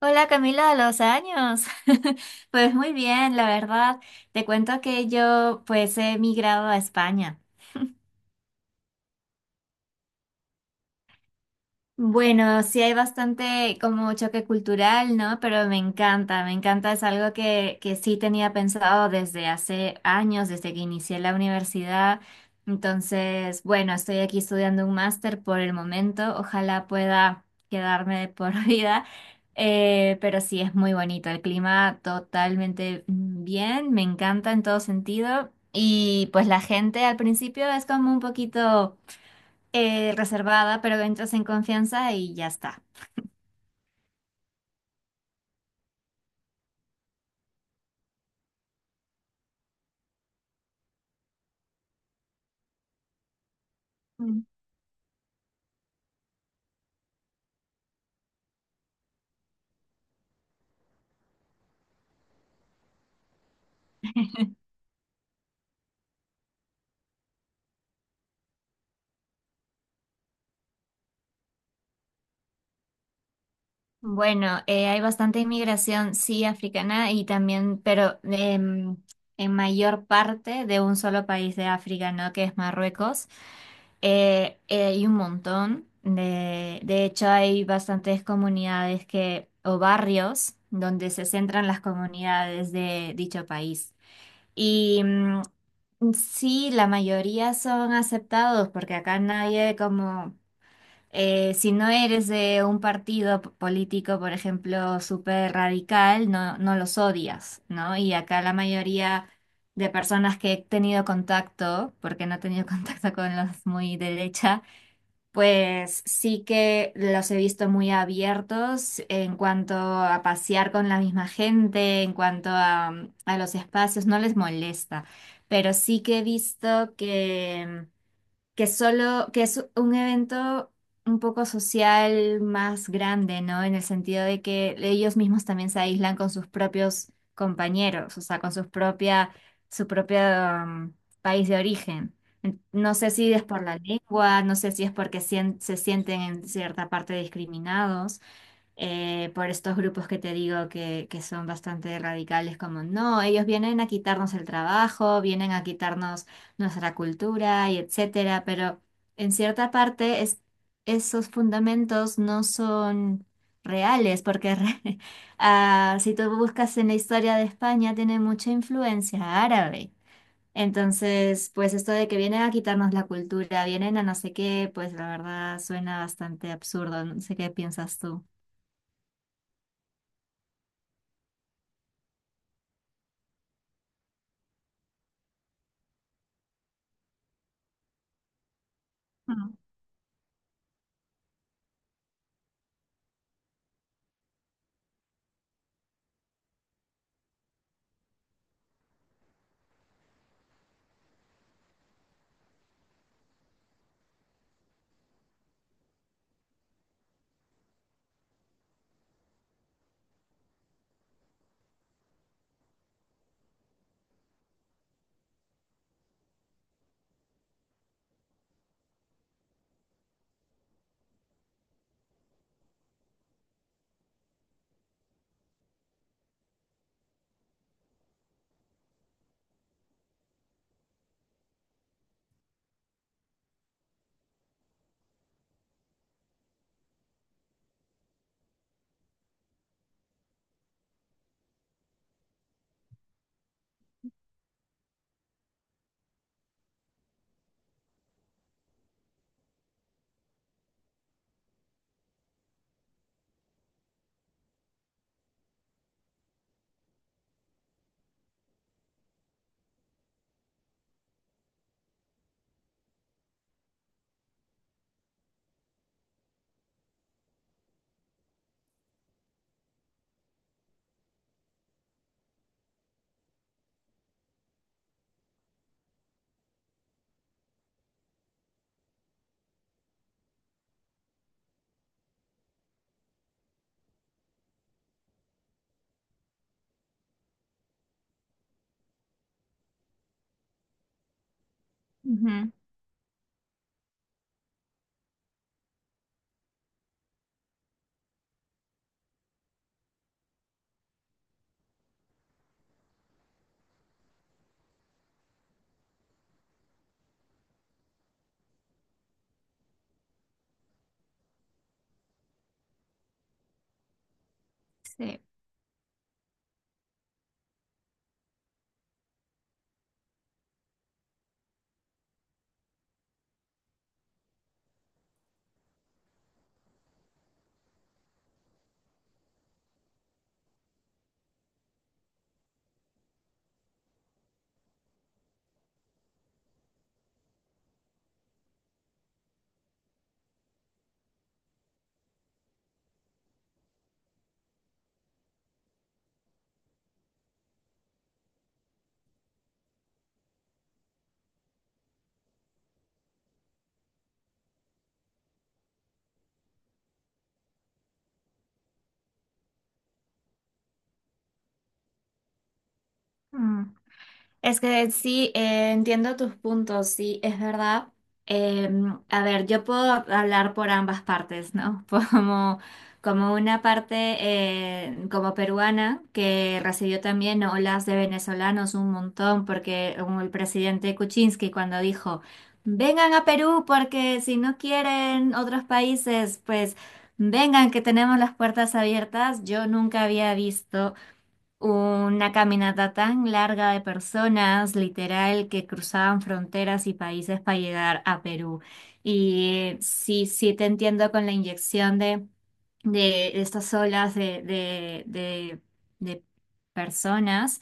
Hola Camila, a los años. Pues muy bien, la verdad. Te cuento que yo pues he migrado a España. Bueno, sí hay bastante como choque cultural, ¿no? Pero me encanta, es algo que sí tenía pensado desde hace años, desde que inicié la universidad. Entonces, bueno, estoy aquí estudiando un máster por el momento, ojalá pueda quedarme de por vida. Pero sí es muy bonito, el clima totalmente bien, me encanta en todo sentido. Y pues la gente al principio es como un poquito reservada, pero entras en confianza y ya está. Mm. Bueno, hay bastante inmigración, sí, africana y también, pero en mayor parte de un solo país de África, ¿no? Que es Marruecos. Hay un montón. De hecho, hay bastantes comunidades o barrios donde se centran las comunidades de dicho país. Y sí, la mayoría son aceptados porque acá nadie como. Si no eres de un partido político, por ejemplo, súper radical, no, no los odias, ¿no? Y acá la mayoría de personas que he tenido contacto, porque no he tenido contacto con los muy derecha, pues sí que los he visto muy abiertos en cuanto a pasear con la misma gente, en cuanto a los espacios, no les molesta, pero sí que he visto que solo, que es un evento un poco social más grande, ¿no? En el sentido de que ellos mismos también se aíslan con sus propios compañeros, o sea, con su propio um, país de origen. No sé si es por la lengua, no sé si es porque se sienten en cierta parte discriminados, por estos grupos que te digo que son bastante radicales, como no, ellos vienen a quitarnos el trabajo, vienen a quitarnos nuestra cultura y etcétera, pero en cierta parte esos fundamentos no son reales, porque ah, si tú buscas en la historia de España, tiene mucha influencia árabe. Entonces, pues esto de que vienen a quitarnos la cultura, vienen a no sé qué, pues la verdad suena bastante absurdo. No sé qué piensas tú. Ujú. Sí. Mm. Es que sí, entiendo tus puntos, sí, es verdad. Eh, a ver, yo puedo hablar por ambas partes, ¿no? Como, como una parte como peruana que recibió también olas de venezolanos un montón, porque como el presidente Kuczynski cuando dijo, vengan a Perú porque si no quieren otros países, pues. Vengan, que tenemos las puertas abiertas. Yo nunca había visto una caminata tan larga de personas, literal, que cruzaban fronteras y países para llegar a Perú. Y sí, sí te entiendo con la inyección de estas olas de personas.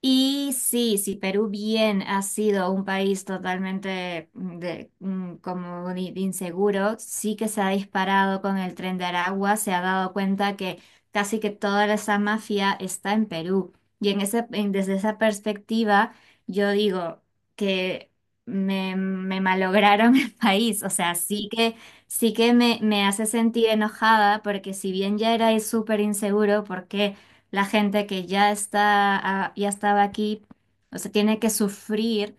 Y sí, si Perú bien ha sido un país totalmente como de inseguro, sí que se ha disparado con el tren de Aragua, se ha dado cuenta que casi que toda esa mafia está en Perú. Y desde esa perspectiva, yo digo que me malograron el país. O sea, sí que me hace sentir enojada porque si bien ya era súper inseguro, ¿por qué? La gente que ya ya estaba aquí, o sea, tiene que sufrir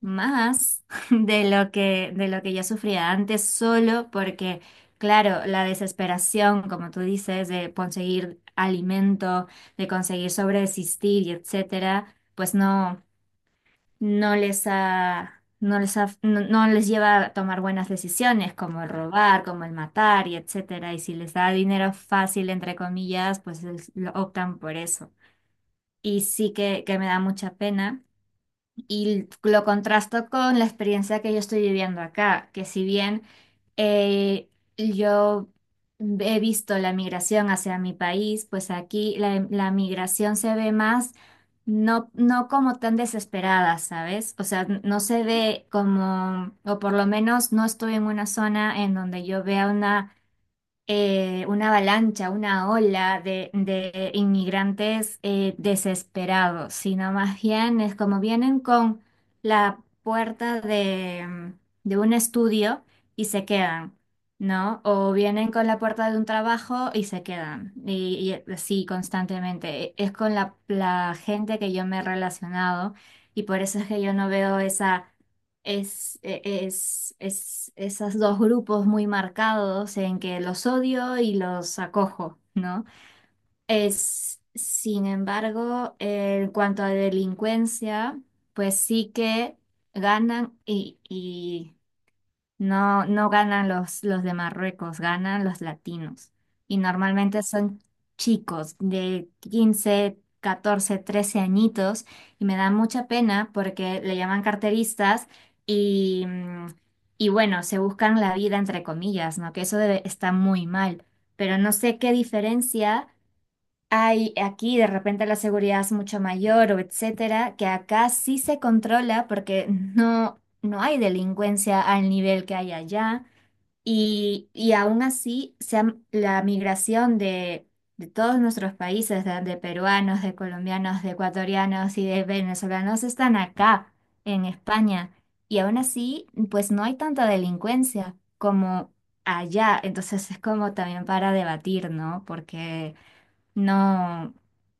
más de lo que ya sufría antes, solo porque, claro, la desesperación, como tú dices, de conseguir alimento, de conseguir sobreexistir y etcétera, pues no, no les ha. No, no les lleva a tomar buenas decisiones como el robar, como el matar y etcétera. Y si les da dinero fácil, entre comillas, pues lo optan por eso. Y sí que me da mucha pena. Y lo contrasto con la experiencia que yo estoy viviendo acá, que si bien eh, yo he visto la migración hacia mi país, pues aquí la migración se ve más, no, no como tan desesperada, ¿sabes? O sea, no se ve como, o por lo menos no estoy en una zona en donde yo vea una avalancha, una ola de inmigrantes desesperados, sino más bien es como vienen con la puerta de un estudio y se quedan, ¿no? O vienen con la puerta de un trabajo y se quedan, y así constantemente. Es con la gente que yo me he relacionado, y por eso es que yo no veo esa es, e- es, es esos dos grupos muy marcados en que los odio y los acojo, ¿no? Sin embargo, en cuanto a delincuencia, pues sí que ganan, y no, no ganan los de Marruecos, ganan los latinos. Y normalmente son chicos de 15 14 13 añitos. Y me da mucha pena porque le llaman carteristas y, mm, y bueno, se buscan la vida entre comillas, ¿no? Que eso está muy mal. Pero no sé qué diferencia hay. Aquí de repente la seguridad es mucho mayor o etcétera, que acá sí se controla porque no, no hay delincuencia al nivel que hay allá. Y aún así, la migración de todos nuestros países, de peruanos, de colombianos, de ecuatorianos y de venezolanos, están acá, en España. Y aún así, pues no hay tanta delincuencia como allá. Entonces es como también para debatir, ¿no? Porque. No,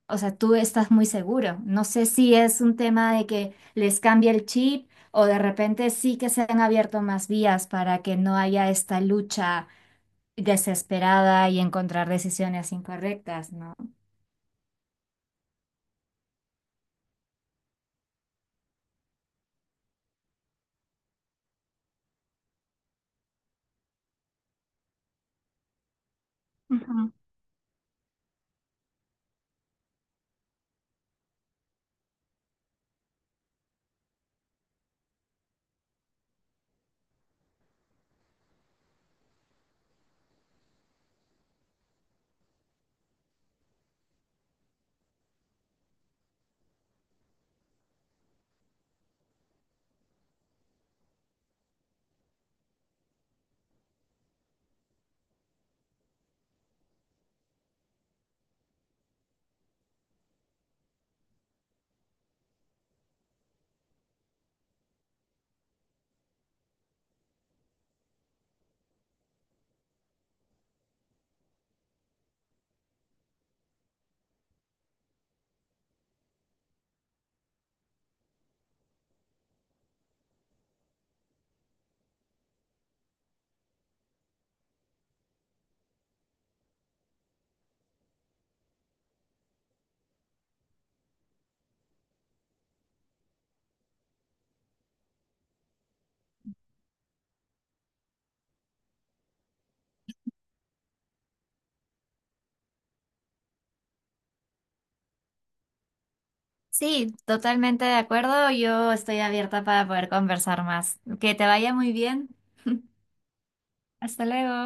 o sea, tú estás muy seguro. No sé si es un tema de que les cambie el chip o de repente sí que se han abierto más vías para que no haya esta lucha desesperada y encontrar decisiones incorrectas, ¿no? Ujú. Sí, totalmente de acuerdo. Yo estoy abierta para poder conversar más. Que te vaya muy bien. Hasta luego.